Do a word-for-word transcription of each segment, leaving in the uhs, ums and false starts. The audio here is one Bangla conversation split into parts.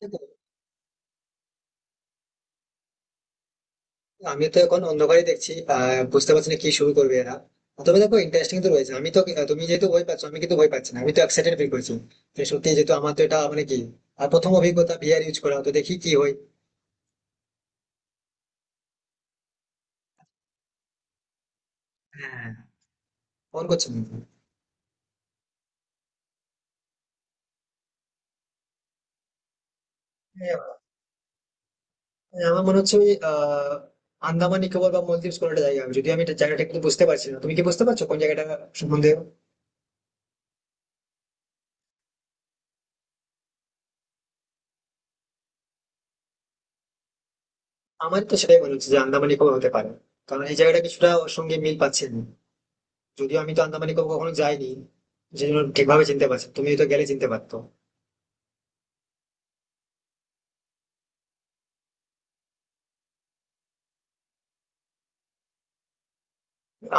দেখো, আমি তো এখন অন্ধকারই দেখছি। আহ বুঝতে পারছি না কি শুরু করবে এরা। তবে দেখো, ইন্টারেস্টিং তো রয়েছে। আমি তো তুমি যেহেতু ভয় পাচ্ছ, আমি কিন্তু ভয় পাচ্ছি না, আমি তো এক্সাইটেড ফিল করছি। যে সত্যি, যেহেতু আমার তো এটা মানে কি আর প্রথম অভিজ্ঞতা ভিআর ইউজ করা, তো দেখি কি হয়। হ্যাঁ, ফোন করছি আমি। হ্যাঁ, হ্যাঁ, আমার মনে হচ্ছে ওই আহ আন্দামান নিকোবর বা মলদ্বীপ কোনো একটা জায়গা হবে। যদি আমি এটা জায়গাটা কিন্তু বুঝতে পারছি না, তুমি কি বুঝতে পারছো কোন জায়গাটা সম্বন্ধে? আমার তো সেটাই মনে হচ্ছে যে আন্দামান নিকোবর হতে পারে, কারণ এই জায়গাটা কিছুটা ওর সঙ্গে মিল পাচ্ছে না। যদিও আমি তো আন্দামানে কখনো কখনো যাইনি, যে জন্য ঠিকভাবে চিনতে পারছি। তুমি তো গেলে চিনতে পারতো।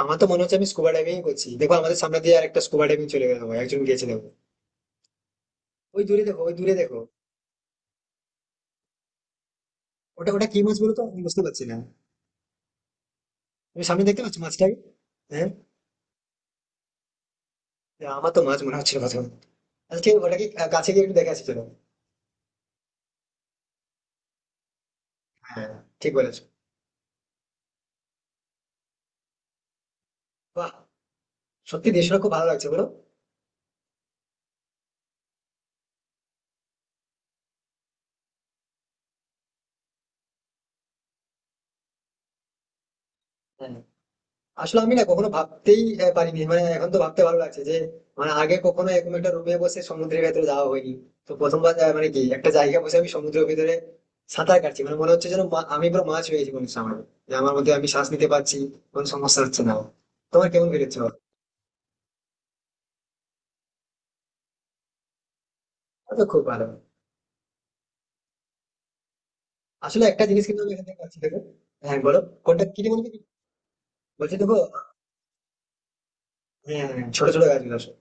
আমার তো মনে হচ্ছে আমি স্কুবা ডাইভিং করছি। দেখো, আমাদের সামনে দিয়ে আর একটা স্কুবা ডাইভিং চলে গেল, একজন গেছে দেখো। ওই দূরে দেখো, ওই দূরে দেখো। ওটা ওটা কি মাছ বলো তো, আমি বুঝতে পারছি না। তুমি সামনে দেখতে পাচ্ছ মাছটাকে? হ্যাঁ, হ্যাঁ, আমার তো মাছ মনে হচ্ছিল কথা। আজকে ওটাকে কাছে গিয়ে একটু দেখে আসি চলো। হ্যাঁ, ঠিক বলেছো। বাহ, সত্যি দেশটা খুব ভালো লাগছে বলো। হ্যাঁ, আসলে আমি না কখনো ভাবতেই আহ, পারিনি, মানে এখন তো ভাবতে ভালো লাগছে যে মানে আগে কখনো এরকম একটা রুমে বসে সমুদ্রের ভেতরে যাওয়া হয়নি। তো প্রথমবার আহ, মানে কি একটা জায়গায় বসে আমি সমুদ্রের ভেতরে সাঁতার কাটছি। মানে মনে হচ্ছে যেন মা- আমি পুরো মাছ হয়ে গেছি মনে হচ্ছে আমার। যে আমার মধ্যে আমি শ্বাস নিতে পারছি, কোনো সমস্যা হচ্ছে না। তোমার কেমন ফিল হচ্ছে বলো? আমার তো খুব ভালো। আসলে একটা জিনিস কিন্তু আমি এখান থেকে পাচ্ছি দেখো। হ্যাঁ, বলো। কোনটা কি মনে করি বলছি দেখো। হ্যাঁ, হ্যাঁ, ছোট ছোট গাছগুলো আসলে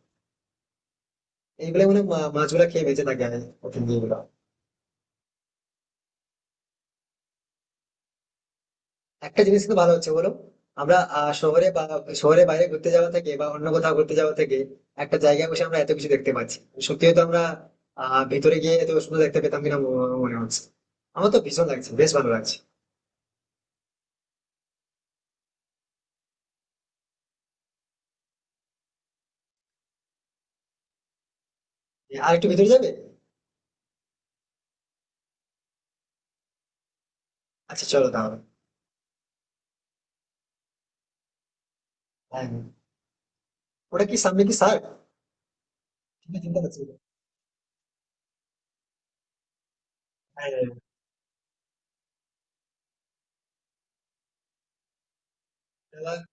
এইগুলো মানে মা- মাছগুলো খেয়ে বেঁচে থাকে। আমি ওখান দিয়ে এগুলো। একটা জিনিস কিন্তু ভালো হচ্ছে বলো। আমরা আহ, শহরে বা শহরে বাইরে ঘুরতে যাওয়া থেকে বা অন্য কোথাও ঘুরতে যাওয়া থেকে একটা জায়গায় বসে আমরা এত কিছু দেখতে পাচ্ছি। সত্যি হয়তো আমরা আহ ভিতরে গিয়ে এত সুন্দর দেখতে পেতাম কিনা ম- মনে হচ্ছে। আমার তো ভীষণ লাগছে, বেশ ভালো লাগছে। আর একটু ভিতরে যাবে? আচ্ছা, চলো তাহলে। হ্যাঁ, হ্যাঁ। ওটা কি সামনে, কি স্যার চিন্তা করছি। হ্যাঁ, হ্যাঁ। ওটা- আবার-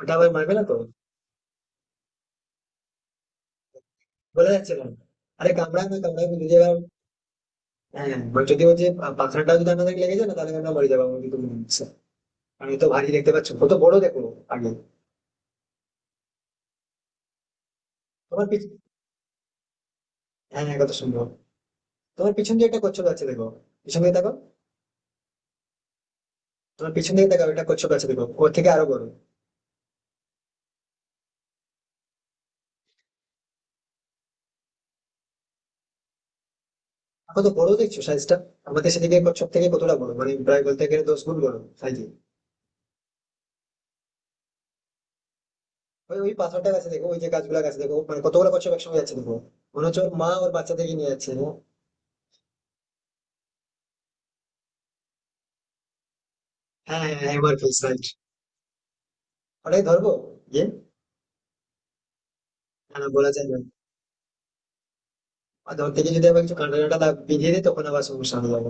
ওটা আবার মারবে না তো? বলা যাচ্ছে না। আরে, কামড়ায় না, কামড়ায় যদি আবার- হ্যাঁ, যদি ওই যে পাথরটা যদি আমাদের লেগে যায় না, তাহলে আমরা মরে যাবো আমার কিন্তু মনে হচ্ছে। আমি তো ভারী দেখতে পাচ্ছ কত বড় দেখো আগে। তোমার পিছ হ্যাঁ, হ্যাঁ, কত সুন্দর। তোমার পিছন দিয়ে একটা কচ্ছপ আছে দেখো, পিছন দিকে দেখো। তোমার পিছন দিকে দেখো, একটা কচ্ছপ আছে দেখো, ওর থেকে আরো বড়। কত বড় দেখছো সাইজটা। আমাদের সেদিকে কচ্ছপ থেকে কতটা বড়, মানে প্রায় বলতে গেলে দশ গুণ বড় সাইজে। ওই ওই পাথরটা গাছে দেখো, ওই যে গাছগুলা গাছে দেখো, মানে কতগুলো কচ্ছপ একসঙ্গে যাচ্ছে দেখো। মনে হচ্ছে ওর মা ওর বাচ্চা থেকে নিয়ে যাচ্ছে। হ্যাঁ, হ্যাঁ, হ্যাঁ, এবার ফিক্স রাইট। ওটাই ধরবো। ইয়ে না, না, বলা যায় না। আর ধরতে গিয়ে যদি আবার কিছু কাঁটা কাঁটা দাগ বিঁধিয়ে দিই, তখন আবার সমস্যা হয়ে যাবে।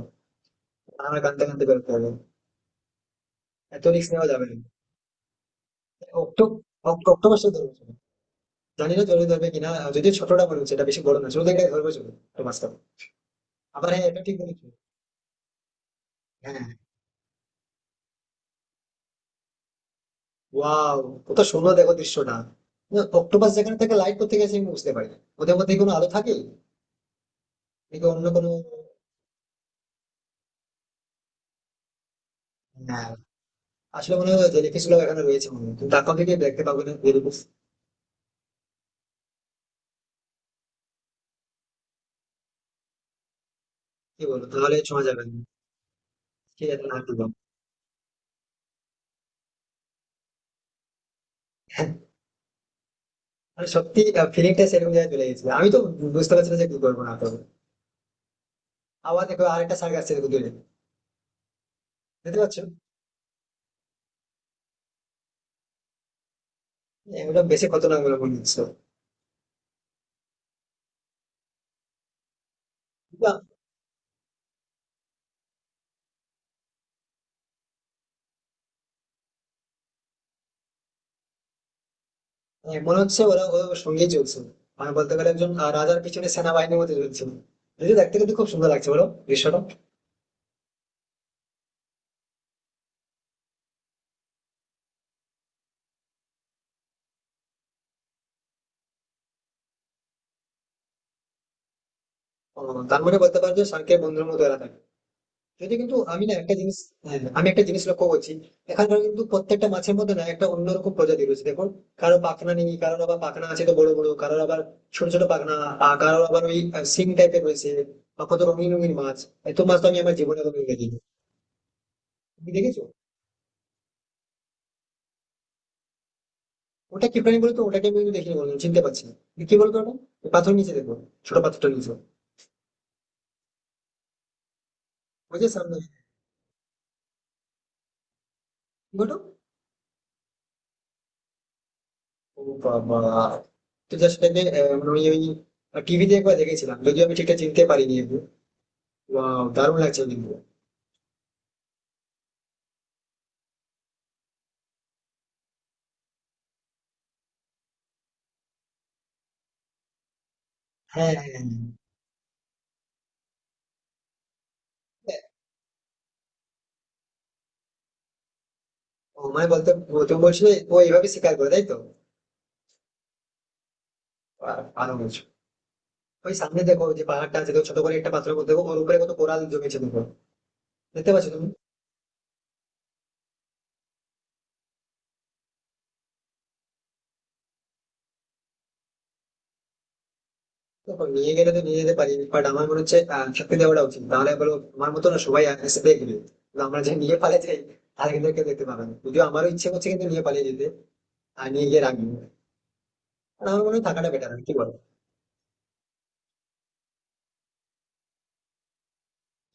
আমার কাঁদতে কাঁদতে বেরোতে হবে। এত রিস্ক নেওয়া যাবে না। অক্টো- অক- অক্টোবর শুধু ধরবে চলে। জানি না চলে ধরবে কিনা। যদি ছোটটা বলবে সেটা বেশি বড় না, শুধু একটা ধরবে চলে একটু মাঝখানে। আবার হ্যাঁ, এটা ঠিক বলেছো। হ্যাঁ, ওয়াও, কত সুন্দর দেখো দৃশ্যটা। না, অক্টোপাস যেখানে থেকে লাইট করতে গেছে, আমি বুঝতে পারি না ওদের মধ্যে কি কোনো আলো থাকে নাকি অন্য কোনো। না, আসলে মনে হয় জেলিফিশ গুলো এখানে রয়েছে মনে হয়, কিন্তু তারপর থেকে দেখতে পাবো না জেলিফিশ। কি বলো তাহলে, ছোঁয়া যাবে না? ঠিক আছে, না দিলাম। মানে সত্যি, ফিলিংটা সেরকম জায়গায় চলে গেছিল, আমি তো বুঝতে পারছি না যে কি করবো না করবো। আবার দেখো, আরেকটা সার্ক আসছে দেখো দূরে। দেখতে পাচ্ছ? হ্যাঁ, ওটা বেশি খতরনাক বলে মনে হচ্ছে। বা, আহ, মনে হচ্ছে ওরা ওর সঙ্গেই চলছে। মানে বলতে গেলে একজন আহ, রাজার পিছনে সেনাবাহিনীর মধ্যে চলছে। যদি দেখতে কিন্তু খুব সুন্দর লাগছে বলো দৃশ্যটা। আহ, তার মানে বলতে পারো যে শার্কের বন্ধুর মতো এরা থাকে। যদি কিন্তু আমি না একটা জিনিস। হ্যাঁ, আমি একটা জিনিস লক্ষ্য করছি। এখানকার কিন্তু প্রত্যেকটা মাছের মধ্যে না একটা অন্যরকম প্রজাতি রয়েছে দেখো। কারো পাখনা নেই, কারোর আবার পাখনা আছে তো বড় বড়, কারোর আবার ছোট ছোট পাখনা, আহ, কারোর আবার ওই সিং টাইপের রয়েছে। বা, কত রঙিন রঙিন মাছ। এত মাছ তো আমি আমার জীবনে কোনোদিন দেখিনি। তুমি দেখেছো? ওটা কি প্রাণী বলতো? ওটাকে আমি দেখিনি বলতো, চিনতে পারছি না, কি বলতো ওটা? ওই পাথর নিচে দেখো, ছোট পাথরটা নিচে, ওই যে সামনে, কি বলতো? ও বাবা, তুই জাস্ট এটাকে আহ, মানে ওই ওই টিভিতে একবার দেখেছিলাম যদিও আমি ঠিকঠাক চিনতে পারিনি। ওয়াও, দারুণ লাগছে কিন্তু। হ্যাঁ, হ্যাঁ, হ্যাঁ। ও মানে বলতে, ও তুমি বলছিলে ও এইভাবে শিকার করে, তাই তো? বাহ, ভালো বলছো। ওই সামনে দেখো যে পাহাড়টা আছে দেখো, ছোট করে একটা পাথরের মধ্যে দেখো, ওর উপরে কত কোরাল জমেছে দেখো। দেখতে পাচ্ছ তুমি? দেখো, নিয়ে গেলে তো নিয়ে যেতে পারি, বাট আমার মনে হচ্ছে আহ, থাকতে দেওয়াটা উচিত। তাহলে বলো, আমার মতো না সবাই আগে সাথে এগিয়ে। কিন্তু আমরা যে নিয়ে পালিয়ে যাই, তাহলে কিন্তু কেউ দেখতে পাবে না। যদিও আমারও ইচ্ছে করছে কিন্তু নিয়ে পালিয়ে যেতে। আর নিয়ে গিয়ে রাখবো। আর আমার মনে হয় থাকাটা বেটার, কি বলো?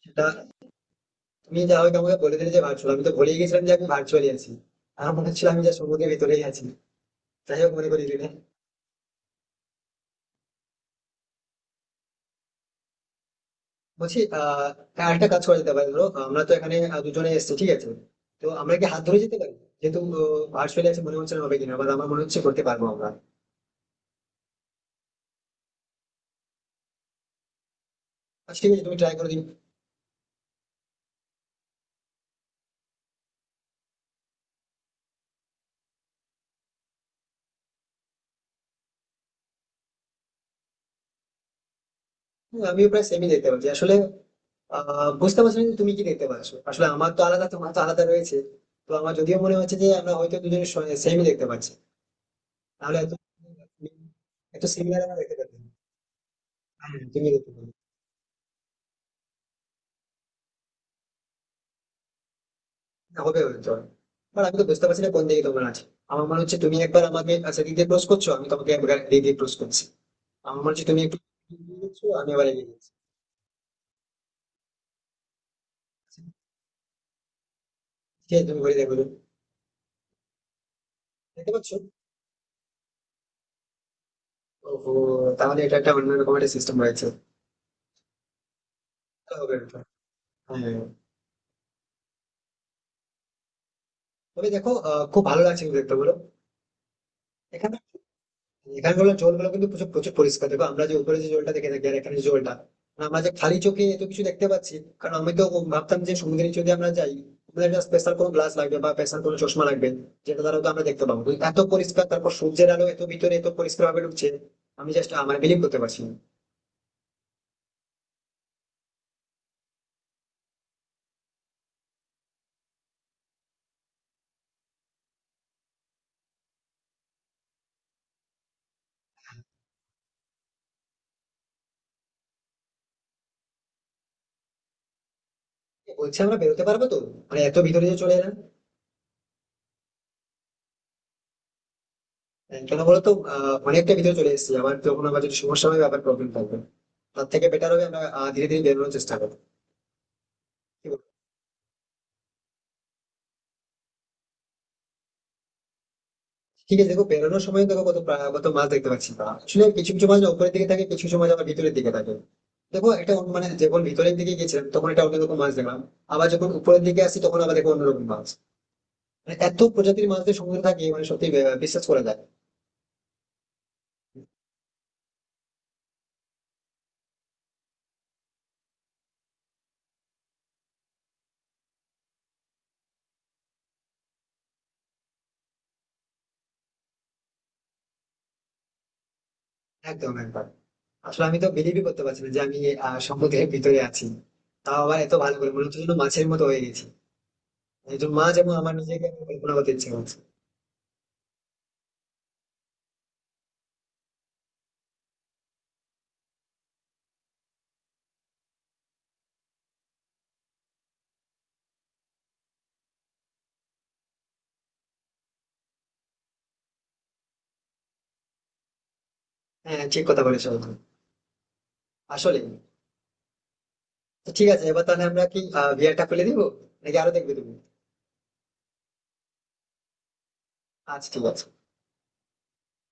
সেটা। তুমি যা হোক আমাকে বলে দিলে যে ভার্চুয়াল, আমি তো ভুলে গেছিলাম যে আমি ভার্চুয়ালি আছি। আর মনে হচ্ছিল আমি যা সমুদ্রের ভিতরেই আছি। যাই হোক, মনে করি দিলে। বলছি আহ হ্যাঁ, আরেকটা কাজ করা যেতে পারে। ধরো আমরা তো এখানে আহ, দুজনে এসেছি, ঠিক আছে। তো আমরা কি হাত ধরে যেতে পারি, যেহেতু ভার্চুয়ালি আছে? মনে হচ্ছে না হবে কিনা, বা আমার মনে হচ্ছে করতে পারবো আমরা। আচ্ছা, ঠিক আছে, তুমি ট্রাই করো দিন। আমিও প্রায় সেমই দেখতে পাচ্ছি আসলে। আহ বুঝতে পারছি না যে তুমি কি দেখতে পাচ্ছ, আসলে আমার তো আলাদা, তোমার তো আলাদা রয়েছে। তো আমার যদিও মনে হচ্ছে যে আমরা হয়তো দুজনে সেমই দেখতে পাচ্ছি। তাহলে এত এত সিমিলার আমরা দেখতে পাচ্ছি। হ্যাঁ, তুমি দেখতে পাবে। না, হবে হয়তো, বাট আমি তো বুঝতে পারছি না কোন দিকে তোমার আছে। আমার মনে হচ্ছে তুমি একবার আমাকে সেদিক দিয়ে ক্রস করছো, আমি তোমাকে একবার এদিক দিয়ে ক্রস করছি। আমার মনে হচ্ছে তুমি একটু এগিয়ে যাচ্ছ, আমি আবার এগিয়ে যাচ্ছি। ঠিক আছে, তুমি ঘুরে দেখো। দেখতে পাচ্ছ? ওহো, তাহলে এটা একটা অন্যরকম একটা সিস্টেম রয়েছে। হবে ব্যাপার। হ্যাঁ। তবে দেখো আহ, খুব ভালো লাগছে কিন্তু দেখতে বলো। এখানে এখানে বলো জলগুলো কিন্তু প্রচুর প্রচুর পরিষ্কার। দেখো আমরা যে উপরে যে জলটা দেখে থাকি, আর এখানে যে জলটা, মানে আমরা যে খালি চোখে এত কিছু দেখতে পাচ্ছি, কারণ আমি তো ভাবতাম যে সমুদ্রে যদি আমরা যাই, আমাদের একটা স্পেশাল কোনো গ্লাস লাগবে বা স্পেশাল কোনো চশমা লাগবে, যেটা দ্বারা তো আমরা দেখতে পাবো। কিন্তু এত পরিষ্কার, তারপর সূর্যের আলো এত ভিতরে এত পরিষ্কার ভাবে ঢুকছে। আমি জাস্ট আমার বিলিভ করতে পারছি না। বলছি আমরা বেরোতে পারবো তো? মানে এত ভিতরে যে চলে এলাম। কেন বলতো আহ, অনেকটা ভিতরে চলে এসেছি আমার, তখন আবার যদি সমস্যা হয় আবার প্রবলেম থাকবে। তার থেকে বেটার হবে আমরা আহ, ধীরে ধীরে বেরোনোর চেষ্টা করবো, কি বলো? ঠিক আছে, দেখো বেরোনোর সময় দেখো কত প্রা- কত মাছ দেখতে পাচ্ছি। বা আসলে কিছু কিছু মাছ না উপরের দিকে থাকে, কিছু কিছু মাছ আবার ভিতরের দিকে থাকে। দেখো একটা অন্য- মানে যখন ভিতরের দিকে গেছিলাম তখন একটা অন্যরকম মাছ দেখলাম। আবার যখন উপরের দিকে আসি তখন আবার দেখো অন্যরকম মাছ। মানে এত প্রজাতির মাছদের সমুদ্রে থাকে, মানে সত্যি আহ, বিশ্বাস করা যায় না। একদম একবার। আসলে আমি তো বিলিভই করতে পারছি না যে আমি আহ, সমুদ্রের ভিতরে আছি। তাও আবার এত ভালো করে মনে হচ্ছে যেন মাছের মতো হয়ে গেছি। একজন মা যেমন আমার নিজেকে আমি কল্পনা করতে ইচ্ছে করছে। হ্যাঁ, ঠিক কথা বলেছো একদম। আসলে তো ঠিক আছে, এবার তাহলে আমরা কি ভিআরটা খুলে দিব, নাকি আরো দেখবে তুমি? আচ্ছা, ঠিক আছে।